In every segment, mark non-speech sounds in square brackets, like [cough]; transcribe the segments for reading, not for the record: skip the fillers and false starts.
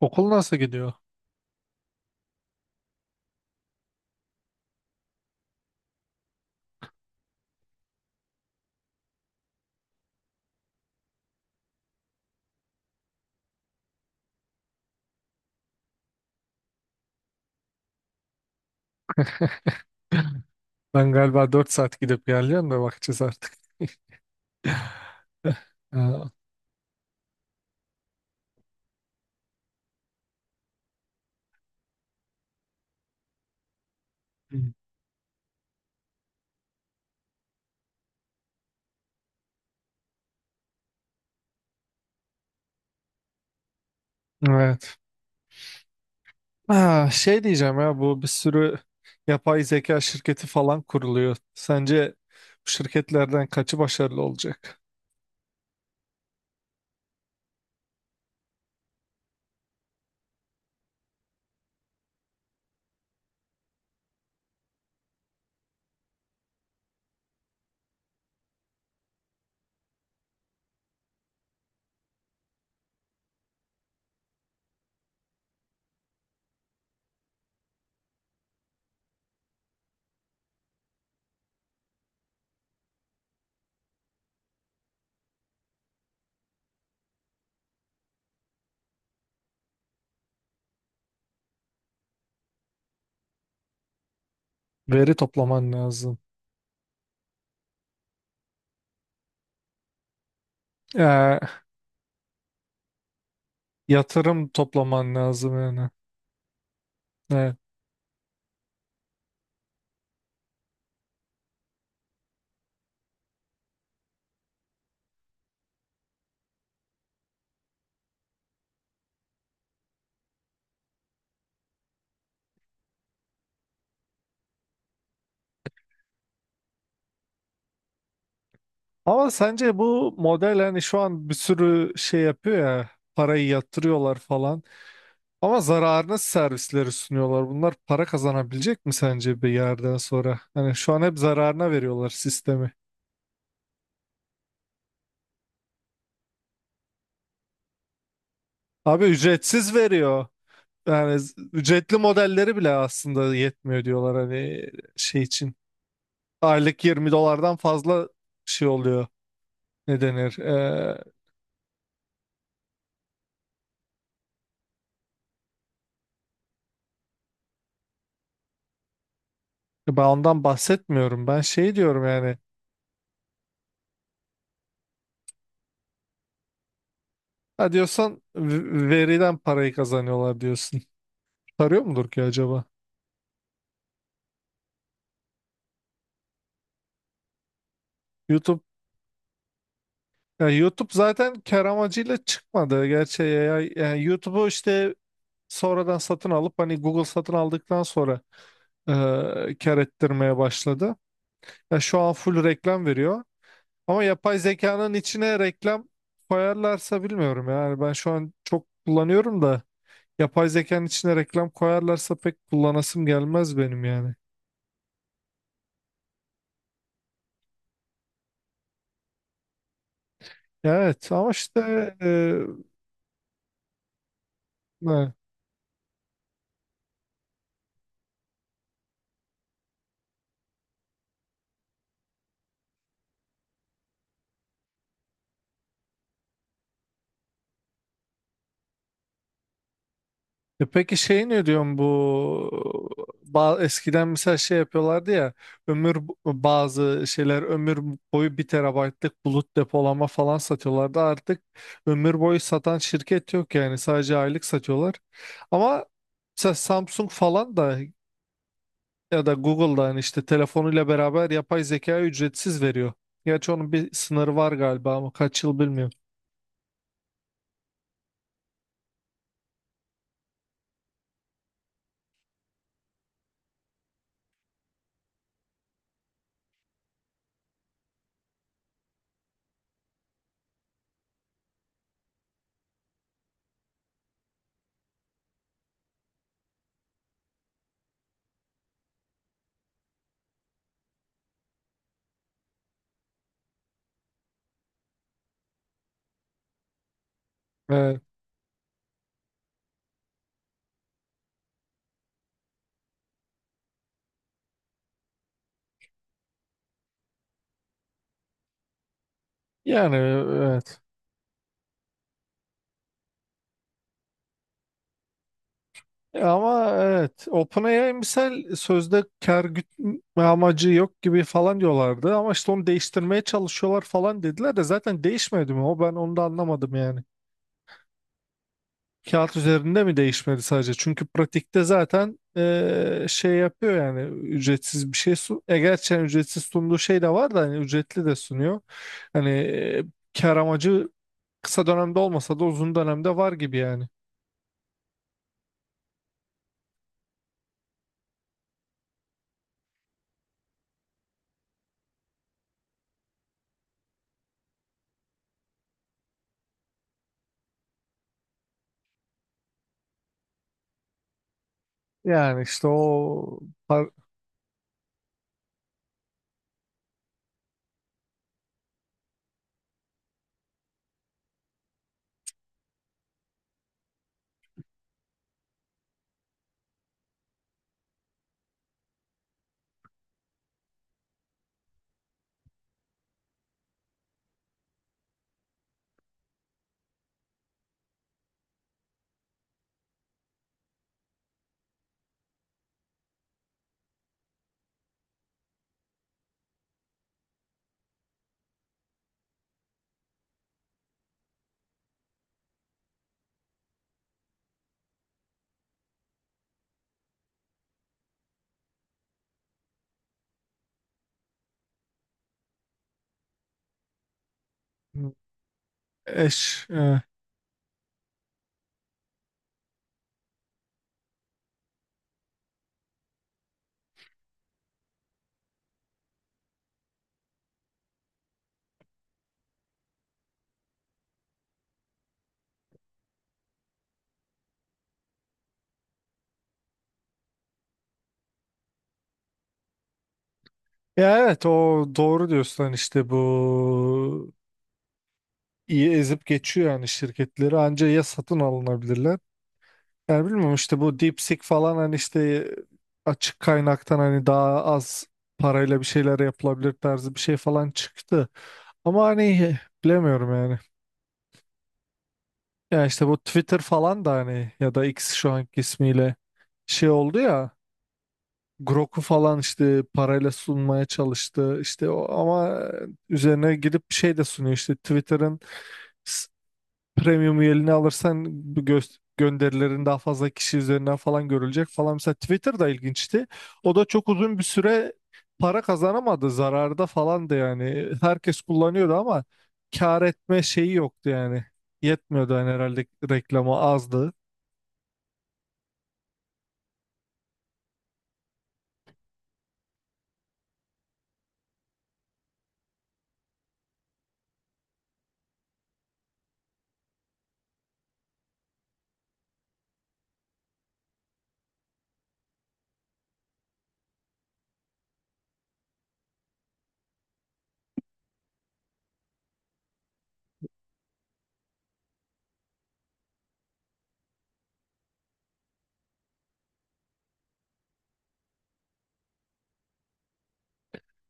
Okul nasıl gidiyor? Ben galiba 4 saat gidip geleceğim de bakacağız artık. [laughs] Ee, Evet. Ha, şey diyeceğim ya bu bir sürü yapay zeka şirketi falan kuruluyor. Sence bu şirketlerden kaçı başarılı olacak? Veri toplaman lazım. Ee, yatırım toplaman lazım yani. Evet. Ama sence bu model hani şu an bir sürü şey yapıyor ya parayı yatırıyorlar falan. Ama zararına servisleri sunuyorlar. Bunlar para kazanabilecek mi sence bir yerden sonra? Hani şu an hep zararına veriyorlar sistemi. Abi ücretsiz veriyor. Yani ücretli modelleri bile aslında yetmiyor diyorlar hani şey için. Aylık 20 dolardan fazla şey oluyor. Ne denir? Ben ondan bahsetmiyorum. Ben şey diyorum yani. Ha, diyorsan veriden parayı kazanıyorlar diyorsun. Tarıyor mudur ki acaba? YouTube YouTube zaten kar amacıyla çıkmadı. Gerçi AI yani YouTube'u işte sonradan satın alıp hani Google satın aldıktan sonra kar ettirmeye başladı. Ya şu an full reklam veriyor. Ama yapay zekanın içine reklam koyarlarsa bilmiyorum yani ben şu an çok kullanıyorum da yapay zekanın içine reklam koyarlarsa pek kullanasım gelmez benim yani. Evet ama işte e, Evet. E peki şey ne diyorsun bu eskiden mesela şey yapıyorlardı ya ömür bazı şeyler ömür boyu bir terabaytlık bulut depolama falan satıyorlardı. Artık ömür boyu satan şirket yok yani sadece aylık satıyorlar ama mesela Samsung falan da ya da Google'da hani işte telefonuyla beraber yapay zeka ücretsiz veriyor. Gerçi onun bir sınırı var galiba ama kaç yıl bilmiyorum. Evet. Yani evet. Ama evet, OpenAI misal sözde kar gütme amacı yok gibi falan diyorlardı ama işte onu değiştirmeye çalışıyorlar falan dediler de zaten değişmedi mi o, ben onu da anlamadım yani. Kağıt üzerinde mi değişmedi sadece? Çünkü pratikte zaten şey yapıyor yani ücretsiz bir şey sun. E gerçekten ücretsiz sunduğu şey de var da hani ücretli de sunuyor. Hani kar amacı kısa dönemde olmasa da uzun dönemde var gibi yani. Yani işte o par- eş. Ya evet o doğru diyorsun hani işte bu iyi ezip geçiyor yani şirketleri anca ya satın alınabilirler. Yani bilmiyorum, işte bu DeepSeek falan hani işte açık kaynaktan hani daha az parayla bir şeyler yapılabilir tarzı bir şey falan çıktı. Ama hani bilemiyorum yani. Ya işte bu Twitter falan da hani ya da X şu anki ismiyle şey oldu ya. Grok'u falan işte parayla sunmaya çalıştı işte o, ama üzerine gidip şey de sunuyor, işte Twitter'ın s- premium üyeliğini alırsan bu gönderilerin daha fazla kişi üzerinden falan görülecek falan. Mesela Twitter da ilginçti, o da çok uzun bir süre para kazanamadı, zararda falan da yani, herkes kullanıyordu ama kar etme şeyi yoktu yani, yetmiyordu yani, herhalde reklamı azdı.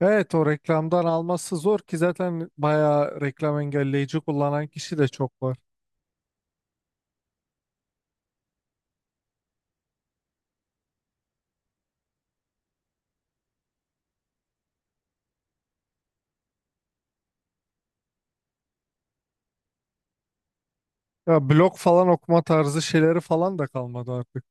Evet, o reklamdan alması zor ki zaten bayağı reklam engelleyici kullanan kişi de çok var. Ya blog falan okuma tarzı şeyleri falan da kalmadı artık.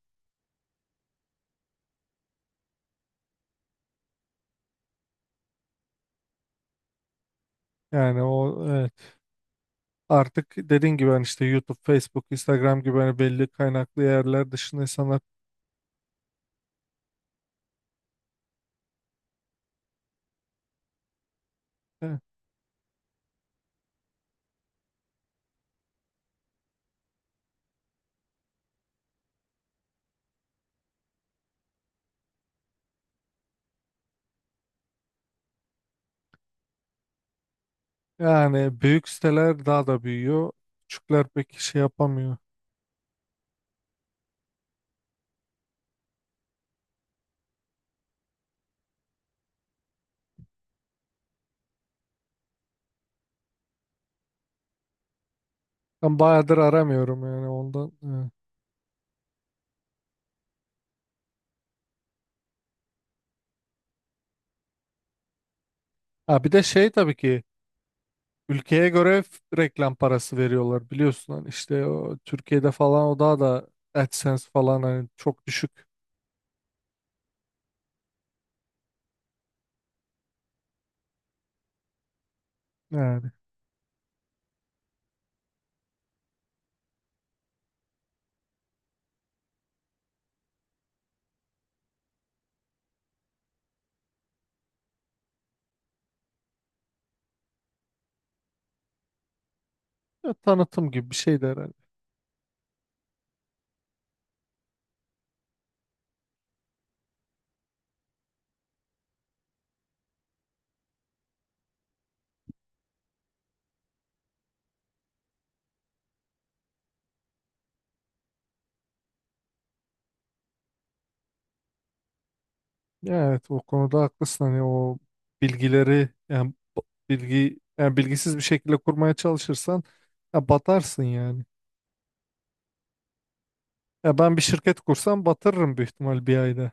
Yani o, evet. Artık dediğin gibi hani işte YouTube, Facebook, Instagram gibi hani belli kaynaklı yerler dışında insanlar... Evet. Yani büyük siteler daha da büyüyor. Küçükler pek şey yapamıyor. Ben bayağıdır aramıyorum yani ondan. Evet. Ha, bir de şey tabii ki ülkeye göre reklam parası veriyorlar biliyorsun, hani işte o, Türkiye'de falan o daha da... AdSense falan hani çok düşük yani. Ya tanıtım gibi bir şey de herhalde. Ya evet o konuda haklısın, hani o bilgileri yani bilgi yani bilgisiz bir şekilde kurmaya çalışırsan ya batarsın yani. Ya ben bir şirket kursam batırırım büyük ihtimal bir ayda.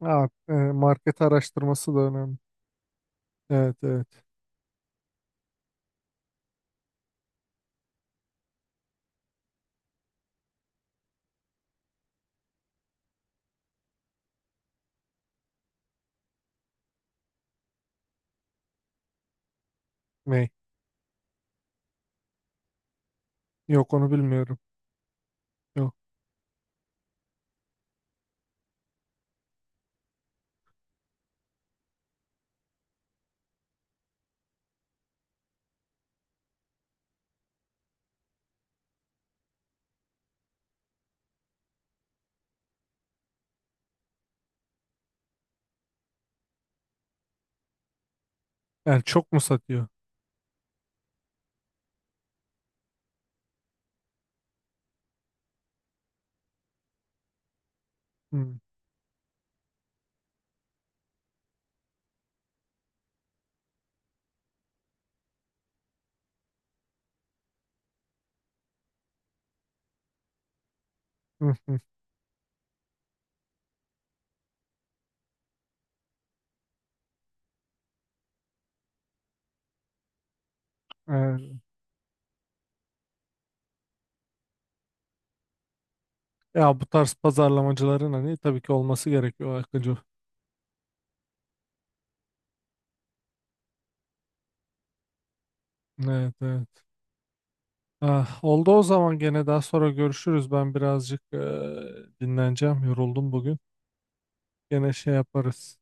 Ha, market araştırması da önemli. Evet, evet. Ney? Yok, onu bilmiyorum. Yok. Yani çok mu satıyor? Hmm. Hı hı. Evet. Ya bu tarz pazarlamacıların hani tabii ki olması gerekiyor Akıncı. Evet, evet. Ah, oldu, o zaman gene daha sonra görüşürüz. Ben birazcık dinleneceğim. Yoruldum bugün. Gene şey yaparız.